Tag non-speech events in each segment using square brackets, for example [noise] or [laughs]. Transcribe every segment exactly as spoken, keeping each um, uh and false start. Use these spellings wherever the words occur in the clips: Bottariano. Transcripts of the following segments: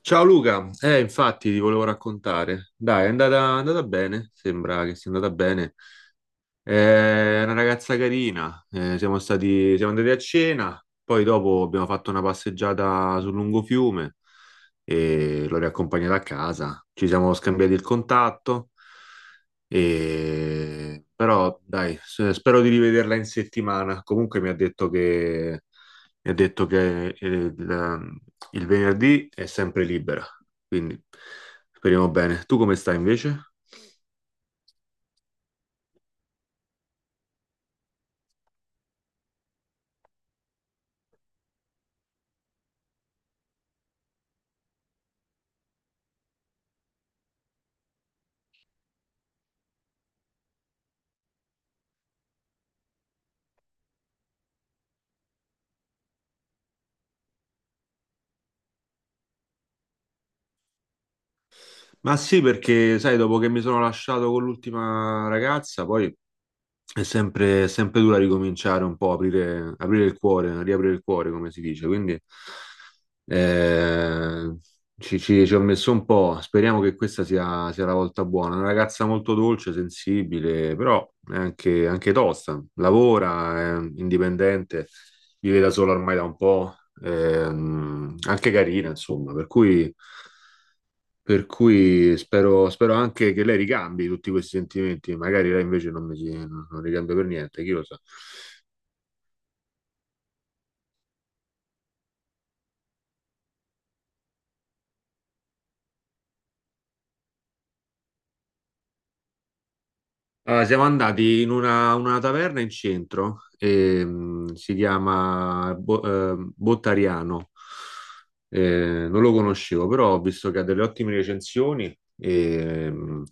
Ciao Luca, eh, infatti ti volevo raccontare. Dai, è andata, è andata bene, sembra che sia andata bene. Eh, È una ragazza carina, eh, siamo stati, siamo andati a cena, poi dopo abbiamo fatto una passeggiata sul lungofiume e l'ho riaccompagnata a casa. Ci siamo scambiati il contatto, e... però dai, s- spero di rivederla in settimana. Comunque mi ha detto che, mi ha detto che eh, il, il venerdì è sempre libera, quindi speriamo bene. Tu come stai invece? Ma sì, perché sai, dopo che mi sono lasciato con l'ultima ragazza, poi è sempre, è sempre dura ricominciare un po', aprire, aprire il cuore, riaprire il cuore, come si dice. Quindi eh, ci, ci- ci ho messo un po'. Speriamo che questa sia, sia la volta buona. Una ragazza molto dolce, sensibile, però è anche, anche tosta. Lavora, è indipendente, vive da sola ormai da un po', ehm, anche carina, insomma, per cui. Per cui spero, spero anche che lei ricambi tutti questi sentimenti, magari lei invece non, mi si- non ricambia per niente, chi lo sa. Allora, siamo andati in una, una taverna in centro, ehm, si chiama Bo- ehm, Bottariano. Eh, non lo conoscevo, però ho visto che ha delle ottime recensioni, ehm,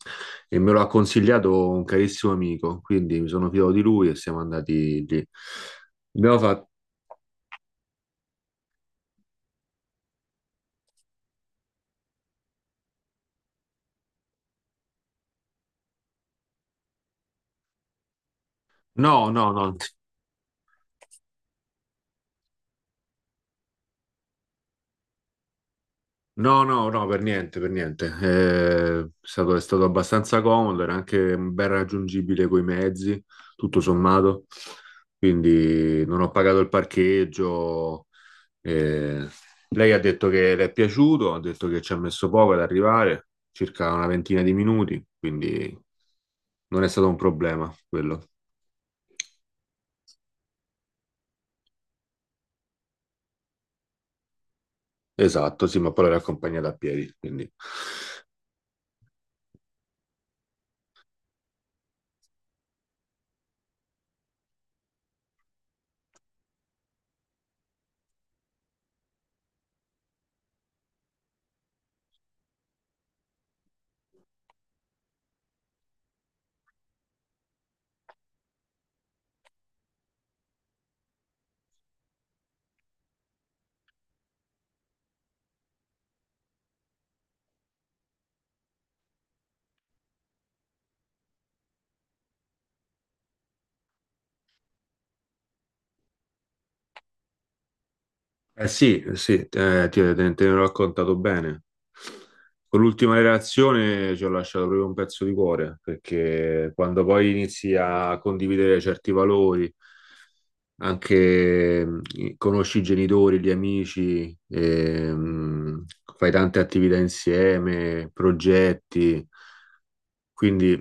e me lo ha consigliato un carissimo amico, quindi mi sono fidato di lui e siamo andati lì. Abbiamo fatto... No, no, no. No, no, no, per niente, per niente. Eh, È stato, è stato abbastanza comodo, era anche ben raggiungibile coi mezzi, tutto sommato. Quindi non ho pagato il parcheggio. eh, Lei ha detto che le è piaciuto, ha detto che ci ha messo poco ad arrivare, circa una ventina di minuti, quindi non è stato un problema quello. Esatto, sì, ma poi l'ho accompagnata a piedi, quindi eh sì, eh sì, eh, ti, te, te ne ho raccontato bene. Con l'ultima relazione ci ho lasciato proprio un pezzo di cuore, perché quando poi inizi a condividere certi valori, anche mh, conosci i genitori, gli amici, e mh, fai tante attività insieme, progetti. Quindi,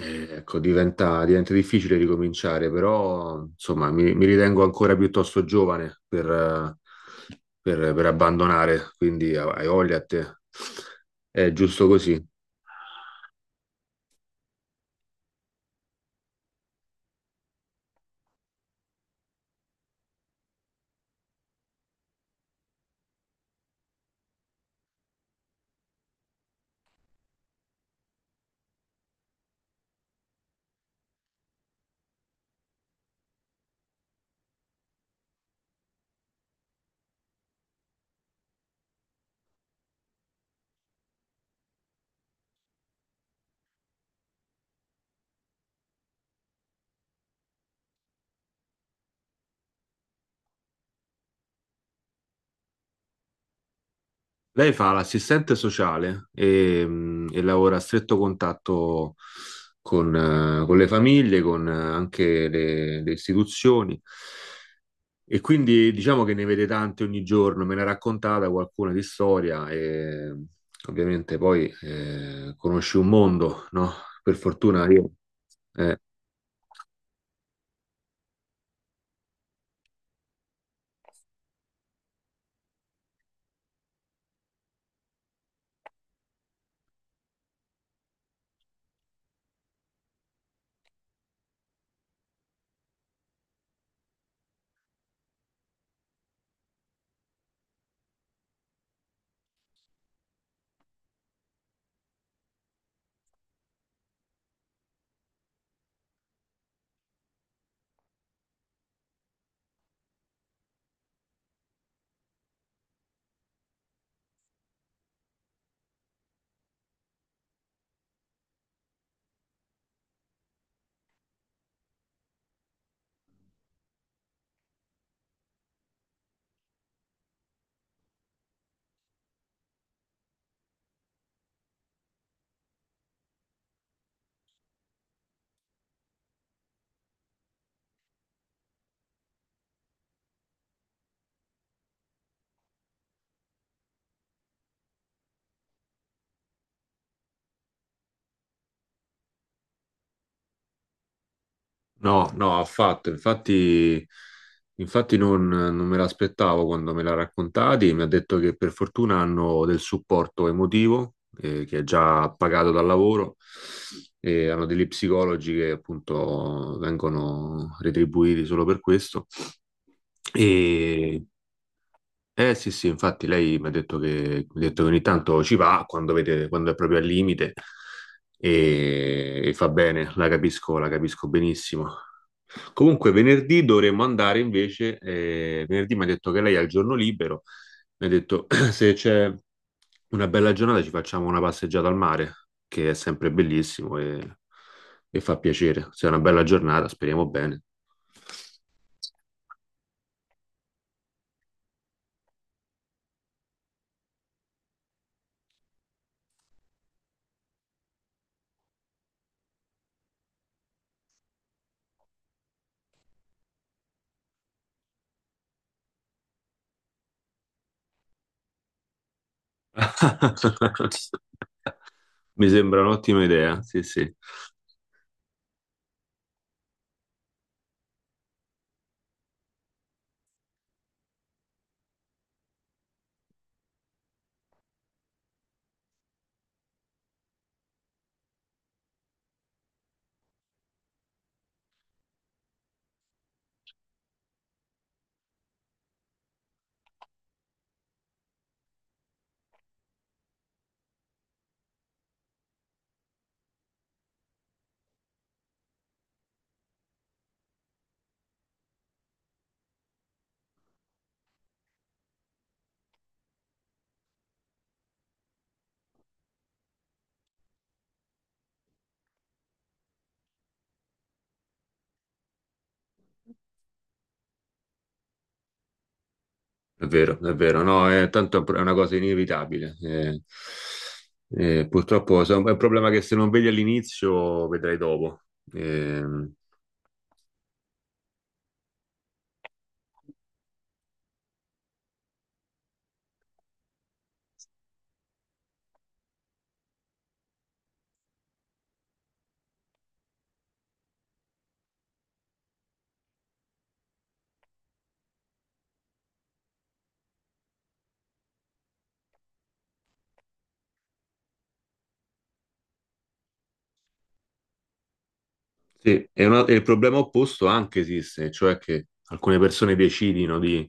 eh, ecco, diventa, diventa difficile ricominciare, però, insomma, mi, mi ritengo ancora piuttosto giovane per, eh, per- per abbandonare, quindi hai voglia a te. È giusto così. Lei fa l'assistente sociale e, mh, e lavora a stretto contatto con, eh, con le famiglie, con eh, anche le, le istituzioni. E quindi diciamo che ne vede tante ogni giorno, me ne ha raccontata qualcuna di storia e ovviamente poi eh, conosci un mondo, no? Per fortuna io. eh, No, no, affatto. Infatti, infatti non, non me l'aspettavo quando me l'ha raccontati. Mi ha detto che per fortuna hanno del supporto emotivo, eh, che è già pagato dal lavoro, e hanno degli psicologi che appunto vengono retribuiti solo per questo. E, eh sì, sì, infatti lei mi ha detto che, mi ha detto che ogni tanto ci va quando, vede, quando è proprio al limite e, e fa bene, la capisco, la capisco benissimo. Comunque venerdì dovremmo andare invece, eh, venerdì mi ha detto che lei ha il giorno libero, mi ha detto [clears throat] se c'è una bella giornata ci facciamo una passeggiata al mare, che è sempre bellissimo e, e fa piacere. Se è una bella giornata, speriamo bene. [laughs] Mi sembra un'ottima idea, sì, sì, è vero, è vero, no, è, tanto è una cosa inevitabile. Eh. Eh, purtroppo so- è un problema che se non vedi all'inizio vedrai dopo. Ehm, Sì, e, una- e il problema opposto anche esiste, cioè che alcune persone decidino di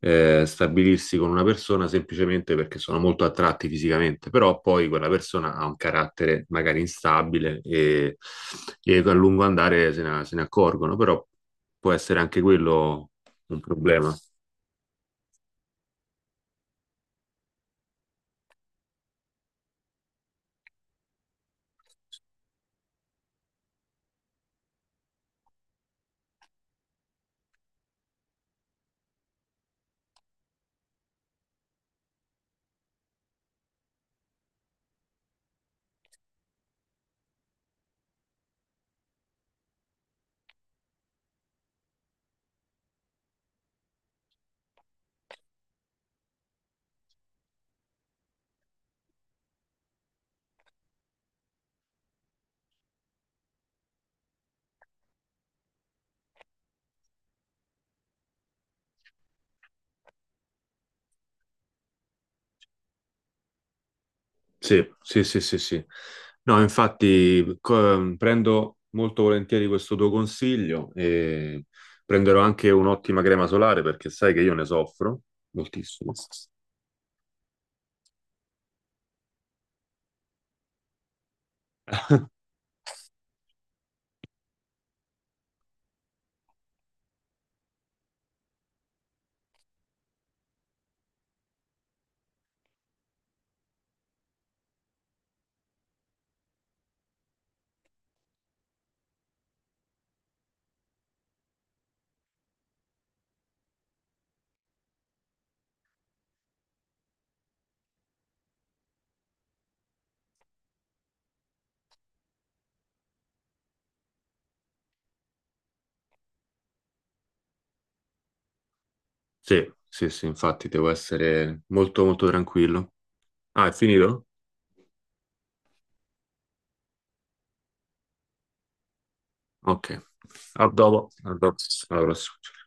eh, stabilirsi con una persona semplicemente perché sono molto attratti fisicamente, però poi quella persona ha un carattere magari instabile e, e a lungo andare se ne, se ne accorgono, però può essere anche quello un problema. Sì, sì, sì, sì, sì. No, infatti co- ehm, prendo molto volentieri questo tuo consiglio e prenderò anche un'ottima crema solare perché sai che io ne soffro moltissimo. Sì, sì, sì, infatti devo essere molto, molto tranquillo. Ah, è finito? Ok. A dopo. A dopo. Alla prossima.